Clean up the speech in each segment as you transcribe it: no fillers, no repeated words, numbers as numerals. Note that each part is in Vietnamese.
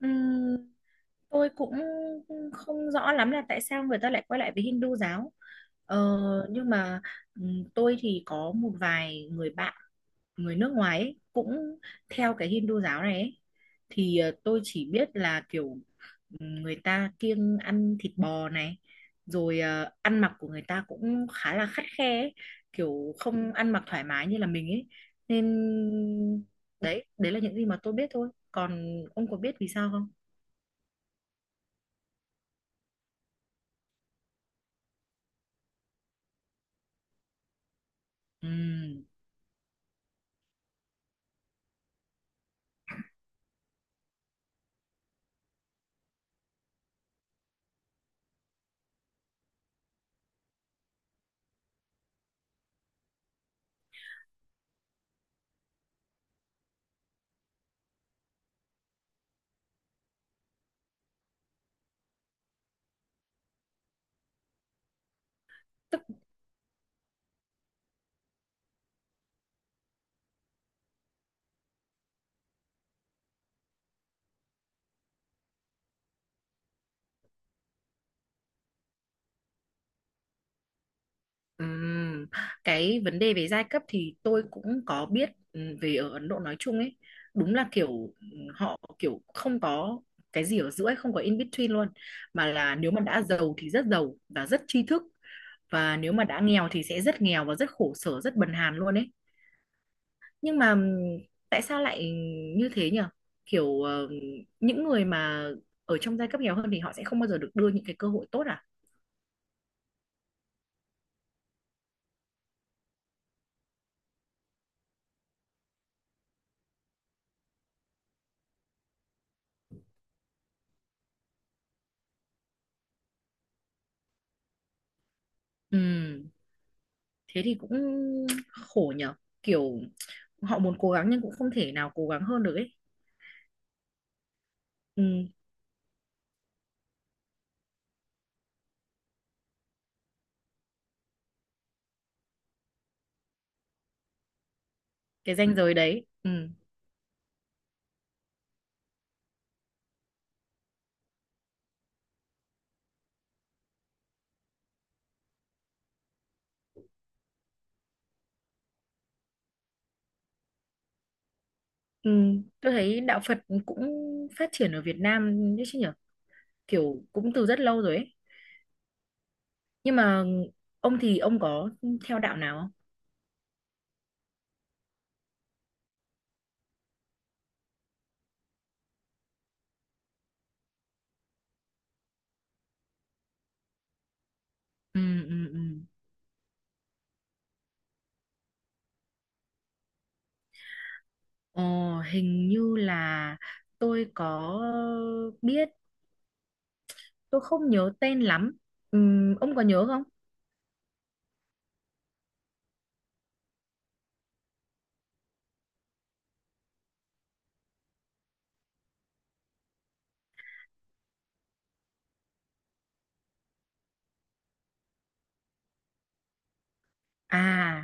Ừm, tôi cũng không rõ lắm là tại sao người ta lại quay lại với Hindu giáo ờ, nhưng mà tôi thì có một vài người bạn người nước ngoài ấy, cũng theo cái Hindu giáo này ấy. Thì tôi chỉ biết là kiểu người ta kiêng ăn thịt bò này, rồi ăn mặc của người ta cũng khá là khắt khe ấy. Kiểu không ăn mặc thoải mái như là mình ấy, nên đấy đấy là những gì mà tôi biết thôi. Còn ông có biết vì sao không? Ừm, tức ừm, cái vấn đề về giai cấp thì tôi cũng có biết, về ở Ấn Độ nói chung ấy, đúng là kiểu họ kiểu không có cái gì ở giữa ấy, không có in between luôn, mà là nếu mà đã giàu thì rất giàu và rất tri thức, và nếu mà đã nghèo thì sẽ rất nghèo và rất khổ sở, rất bần hàn luôn ấy. Nhưng mà tại sao lại như thế nhỉ? Kiểu những người mà ở trong giai cấp nghèo hơn thì họ sẽ không bao giờ được đưa những cái cơ hội tốt à? Ừ, thế thì cũng khổ nhở, kiểu họ muốn cố gắng nhưng cũng không thể nào cố gắng hơn được ấy. Ừ, cái ranh giới đấy. Ừ. Ừ. Tôi thấy đạo Phật cũng phát triển ở Việt Nam đấy chứ nhở, kiểu cũng từ rất lâu rồi ấy. Nhưng mà ông thì ông có theo đạo nào không? Ừ, ừ, ừ. Ờ, hình như là tôi có biết, tôi không nhớ tên lắm. Ông có nhớ không? À,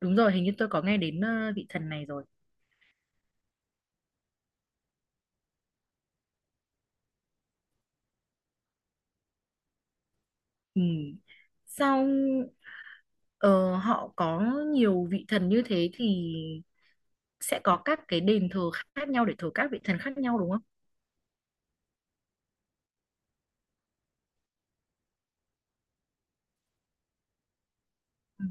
đúng rồi, hình như tôi có nghe đến vị thần này rồi. Ừ. Sau ờ, họ có nhiều vị thần như thế, thì sẽ có các cái đền thờ khác nhau để thờ các vị thần khác nhau đúng không? Ừ.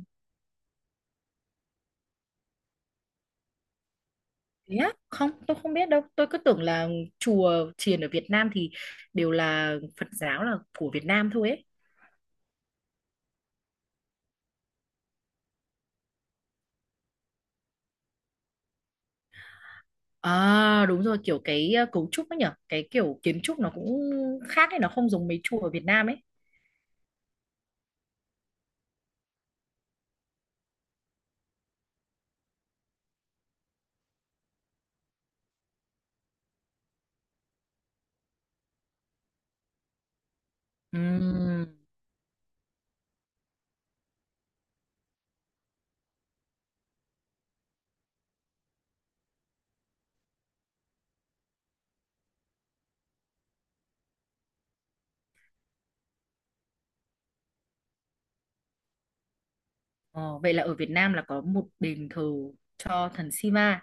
Thế á? Không, tôi không biết đâu. Tôi cứ tưởng là chùa chiền ở Việt Nam thì đều là Phật giáo, là của Việt Nam thôi ấy. À đúng rồi, kiểu cái cấu trúc ấy nhở, cái kiểu kiến trúc nó cũng khác ấy, nó không giống mấy chùa ở Việt Nam ấy. Ừm. Ờ, vậy là ở Việt Nam là có một đền thờ cho thần Shiva.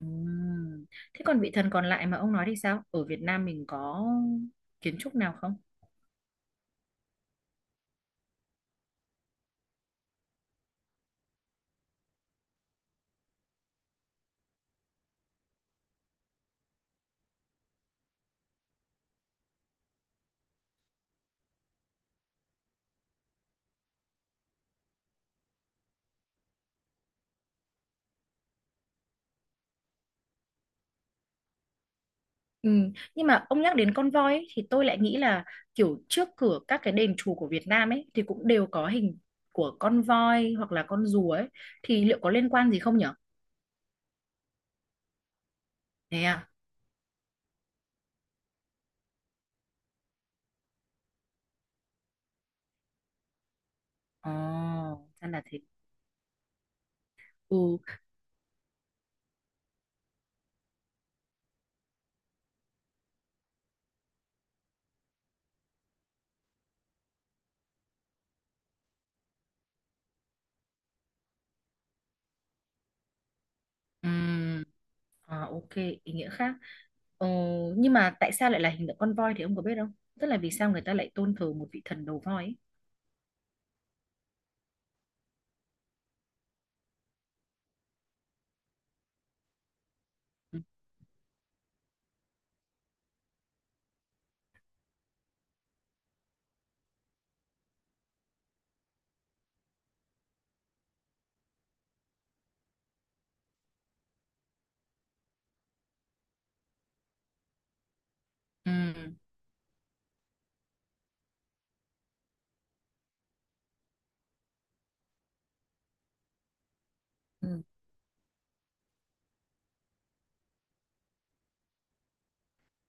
Ừm. Thế còn vị thần còn lại mà ông nói thì sao? Ở Việt Nam mình có kiến trúc nào không? Ừ. Nhưng mà ông nhắc đến con voi ấy, thì tôi lại nghĩ là kiểu trước cửa các cái đền chùa của Việt Nam ấy thì cũng đều có hình của con voi hoặc là con rùa ấy, thì liệu có liên quan gì không nhở? Thế à? Ồ, ra là thế. Ừ. Ừm, à, ok, ý nghĩa khác. Ờ, nhưng mà tại sao lại là hình tượng con voi thì ông có biết không? Tức là vì sao người ta lại tôn thờ một vị thần đầu voi ấy? Ừm.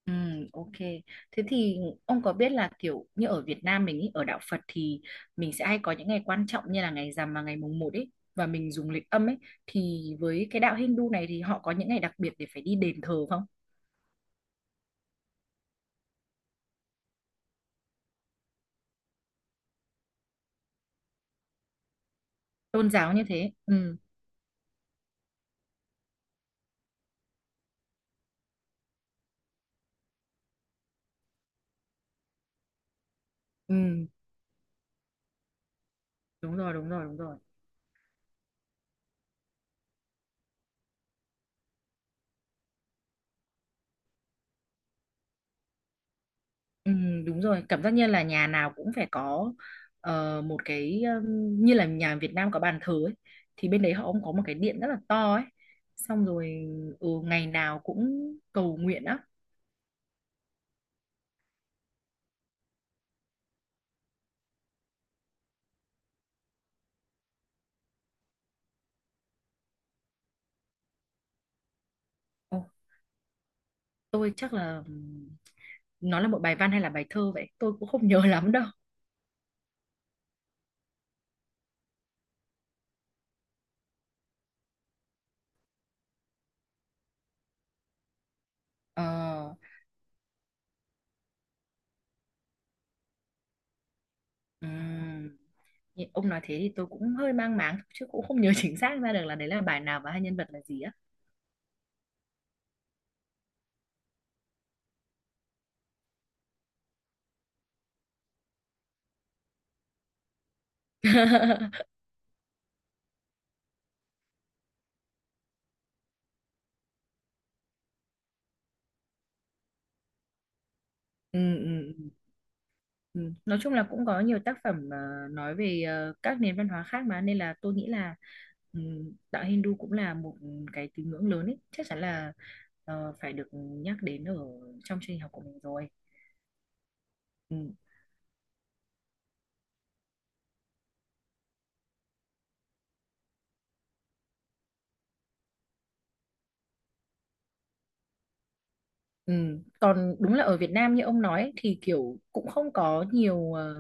Ừ, ok. Thế thì ông có biết là kiểu như ở Việt Nam mình ý, ở đạo Phật thì mình sẽ hay có những ngày quan trọng như là ngày rằm và ngày mùng một ấy, và mình dùng lịch âm ấy, thì với cái đạo Hindu này thì họ có những ngày đặc biệt để phải đi đền thờ không? Tôn giáo như thế. Ừ, ừ, đúng rồi, đúng rồi, đúng rồi. Ừ, đúng rồi. Cảm giác như là nhà nào cũng phải có một cái, như là nhà Việt Nam có bàn thờ ấy, thì bên đấy họ cũng có một cái điện rất là to ấy. Xong rồi ừ, ngày nào cũng cầu nguyện á. Tôi chắc là nó là một bài văn hay là bài thơ vậy, tôi cũng không nhớ lắm đâu. Ờ ừm, ông nói thế thì tôi cũng hơi mang máng chứ cũng không nhớ chính xác ra được là đấy là bài nào và hai nhân vật là gì á. Ừ, ừ, ừ. Ừ. Nói chung là cũng có nhiều tác phẩm nói về các nền văn hóa khác, mà nên là tôi nghĩ là đạo Hindu cũng là một cái tín ngưỡng lớn ấy, chắc chắn là phải được nhắc đến ở trong chương trình học của mình rồi. Ừ. Ừ. Còn đúng là ở Việt Nam như ông nói ấy, thì kiểu cũng không có nhiều ờ,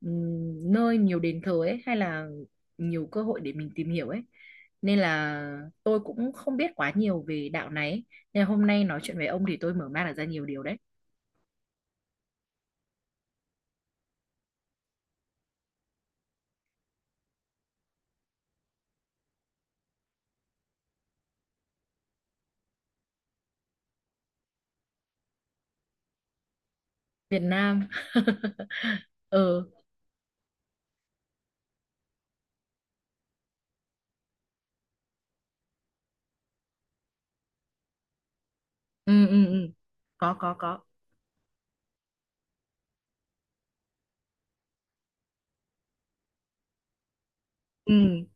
ừm, nơi, nhiều đền thờ ấy, hay là nhiều cơ hội để mình tìm hiểu ấy, nên là tôi cũng không biết quá nhiều về đạo này ấy. Nên là hôm nay nói chuyện với ông thì tôi mở mang được ra nhiều điều đấy. Việt Nam ờ ừ, ừ, ừ. Có có có. Ừ.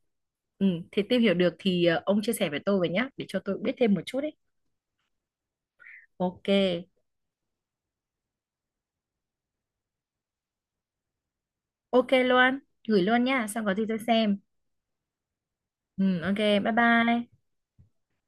Ừ. Thì tìm hiểu được thì ông chia sẻ với tôi với nhá để cho tôi biết thêm một chút ấy. Ok. Ok luôn, gửi luôn nha, xong có gì tôi xem. Ừ, ok, bye bye.